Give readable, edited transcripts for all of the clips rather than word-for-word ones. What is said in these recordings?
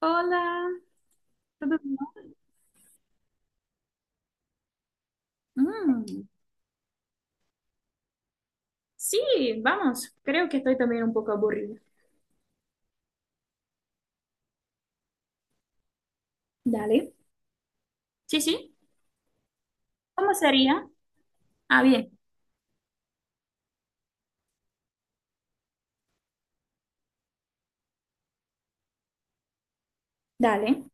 Hola, ¿todo bien? Mm, sí, vamos, creo que estoy también un poco aburrida. Dale, sí, sí, ¿cómo sería? Ah, bien, dale.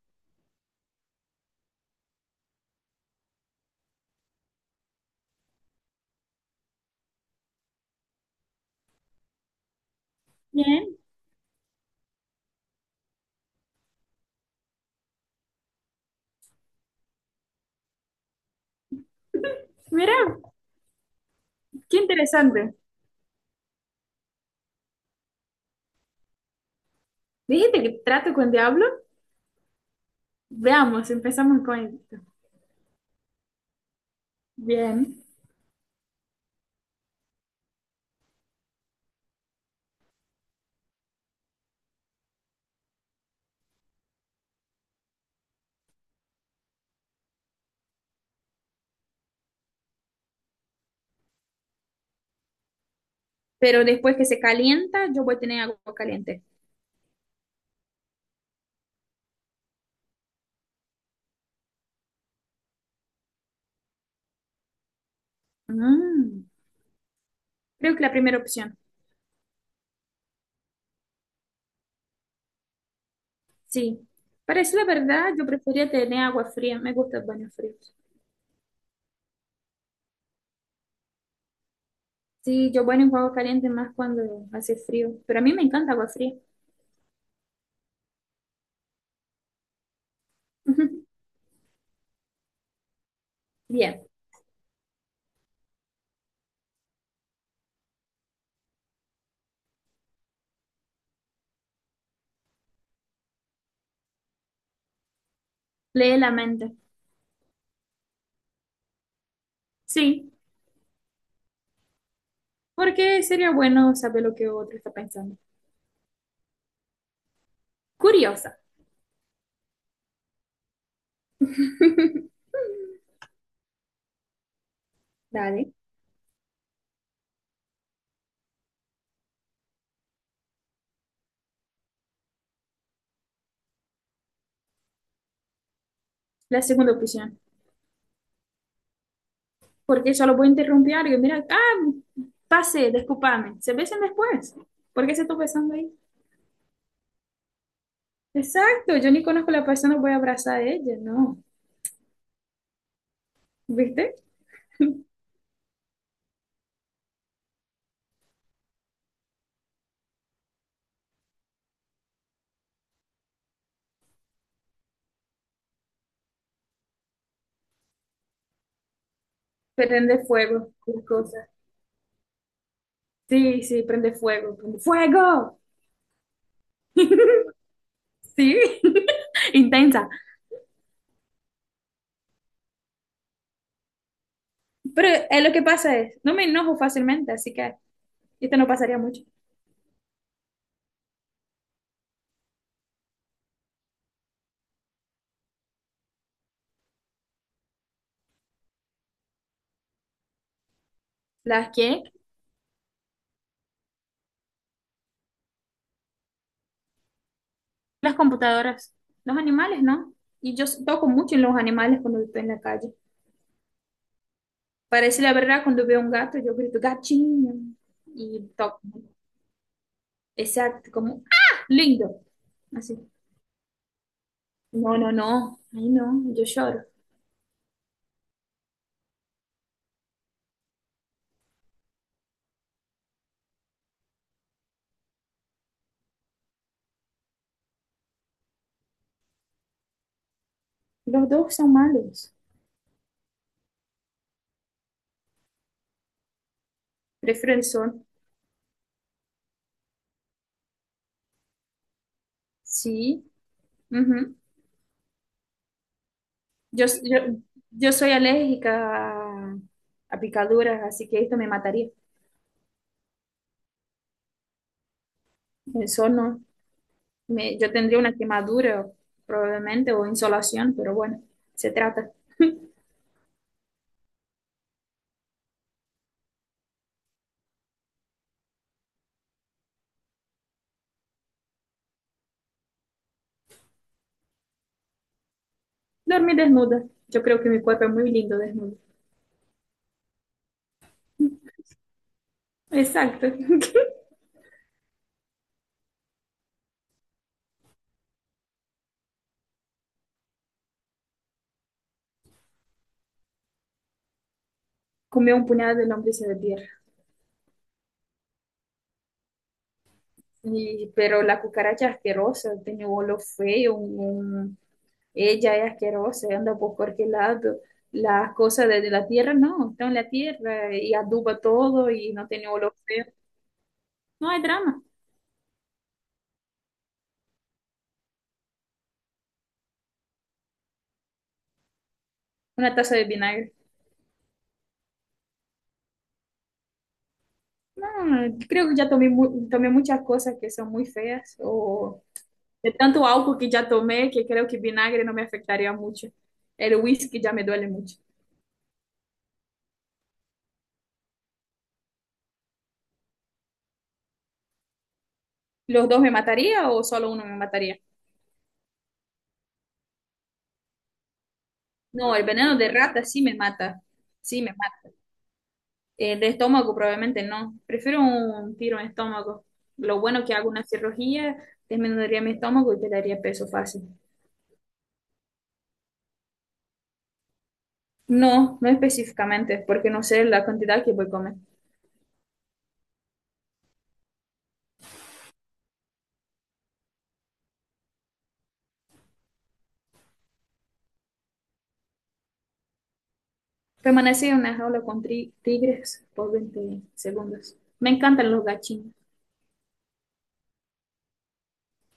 Bien. Mira, qué interesante. Dijiste que trato con diablo. Veamos, empezamos con esto. Bien. Pero después que se calienta, yo voy a tener agua caliente. Mm, creo que la primera opción, sí. Para decir la verdad, yo prefería tener agua fría, me gusta el baño frío. Sí, yo bueno en agua caliente más cuando hace frío, pero a mí me encanta agua fría. Ujú. Bien, lee la mente. Sí, porque sería bueno saber lo que otro está pensando. Curiosa. Dale, la segunda opción. Porque solo voy a interrumpir algo. Mira, pase, discúlpame. Se besan después. ¿Por qué se está besando ahí? Exacto, yo ni conozco a la persona, voy a abrazar a ella, no. ¿Viste? Prende fuego, las cosas. Sí, sí, prende fuego, prende fuego. Sí, intensa. Pero lo que pasa es, no me enojo fácilmente, así que esto no pasaría mucho. ¿Las qué? Las computadoras. Los animales, ¿no? Y yo toco mucho en los animales cuando estoy en la calle. Para decir la verdad, cuando veo un gato, yo grito gachiño y toco. Exacto, como, ¡ah! Lindo. Así. No, no, no. Ahí no, yo lloro. Los dos son malos. Prefiero el sol. Sí. Ujú. Yo, yo, yo soy alérgica a picaduras, así que esto me mataría. El sol no. Me- yo tendría una quemadura probablemente o insolación, pero bueno, se trata. Dormir desnuda. Yo creo que mi cuerpo es muy lindo desnudo. Exacto. Comí un puñado de lombrices de tierra. Y, pero la cucaracha asquerosa, tenía un olor feo, un, ella es asquerosa, anda por cualquier lado. Las cosas de la tierra no, está en la tierra y aduba todo y no tiene olor feo. No hay drama. Una taza de vinagre. No, creo que ya tomé, mu- tomé muchas cosas que son muy feas o de tanto alcohol que ya tomé que creo que vinagre no me afectaría mucho. El whisky ya me duele mucho. ¿Los dos me mataría o solo uno me mataría? No, el veneno de rata sí me mata. Sí me de estómago probablemente no. Prefiero un tiro en estómago. Lo bueno que hago una cirugía, disminuiría mi estómago y perdería peso fácil. No, no específicamente, porque no sé la cantidad que voy a comer. Permanecí en una jaula con tigres por 20 segundos. Me encantan los gachinos.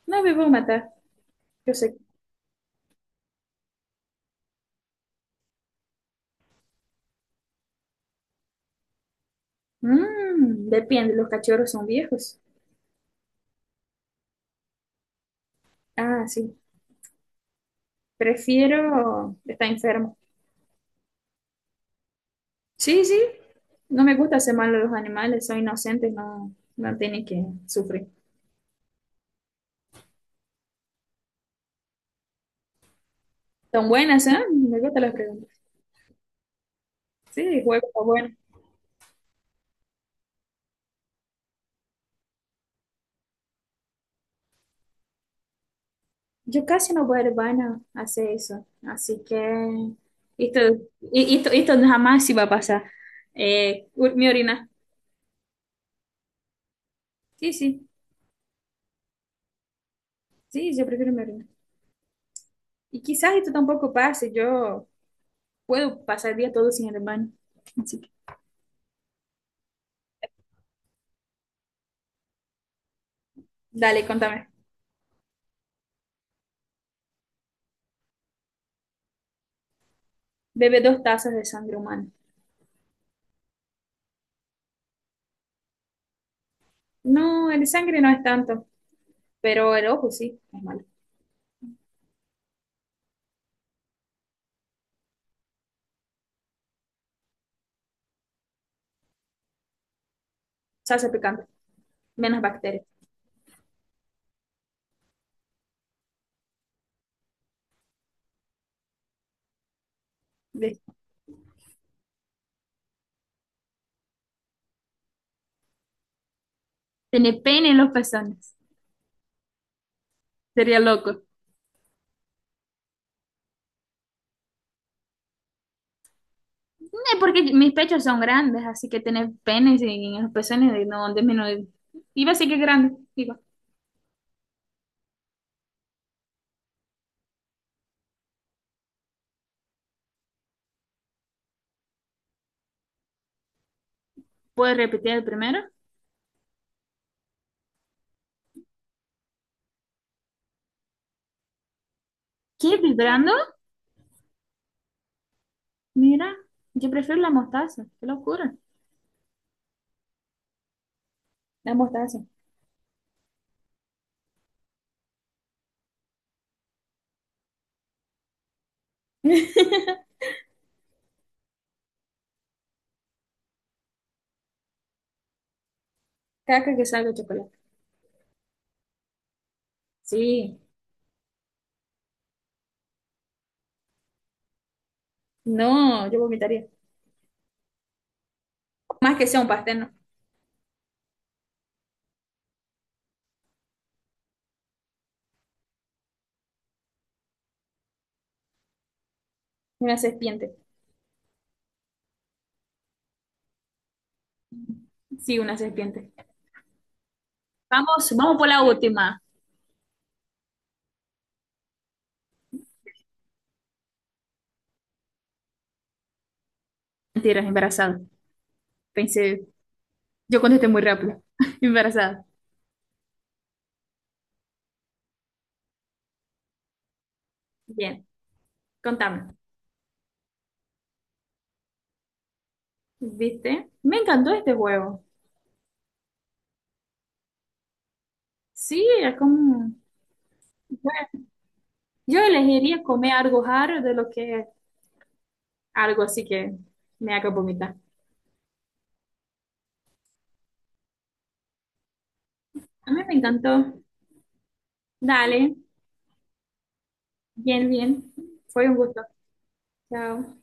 No me voy a matar. Yo sé. Mm, depende, los cachorros son viejos. Ah, sí. Prefiero estar enfermo. Sí, sí, no me gusta hacer mal a los animales, son inocentes, no, no tienen que sufrir. Son buenas, ¿eh? Me gustan las preguntas. Sí, juego está bueno. Yo casi no voy al baño a hacer eso, así que esto, esto, esto jamás se va a pasar. Mi orina. Sí, sí, sí, yo prefiero mi orina. Y quizás esto tampoco pase, yo puedo pasar el día todo sin el baño. Así que, dale, contame. Bebe dos tazas de sangre humana. No, el sangre no es tanto. Pero el ojo sí, es malo. Se hace picante, menos bacterias. Ve. Tener pene en los pezones. Sería loco. Porque mis pechos son grandes, así que tener penes en los pezones no disminuye. Iba a decir que es grande. Digo, ¿puedes repetir el primero? ¿Qué vibrando? Mira, yo prefiero la mostaza. Qué locura. La mostaza. Caca que salga de chocolate. Sí. No, yo vomitaría. Más que sea un pastel, no. Una serpiente. Sí, una serpiente. Vamos, vamos por la última. Mentiras, embarazada. Pensé, yo contesté muy rápido. Embarazada. Bien, contame. ¿Viste? Me encantó este juego. Sí, es como... bueno, yo elegiría comer algo raro de lo que algo así que me haga vomitar. A mí me encantó. Dale. Bien, bien. Fue un gusto. Chao.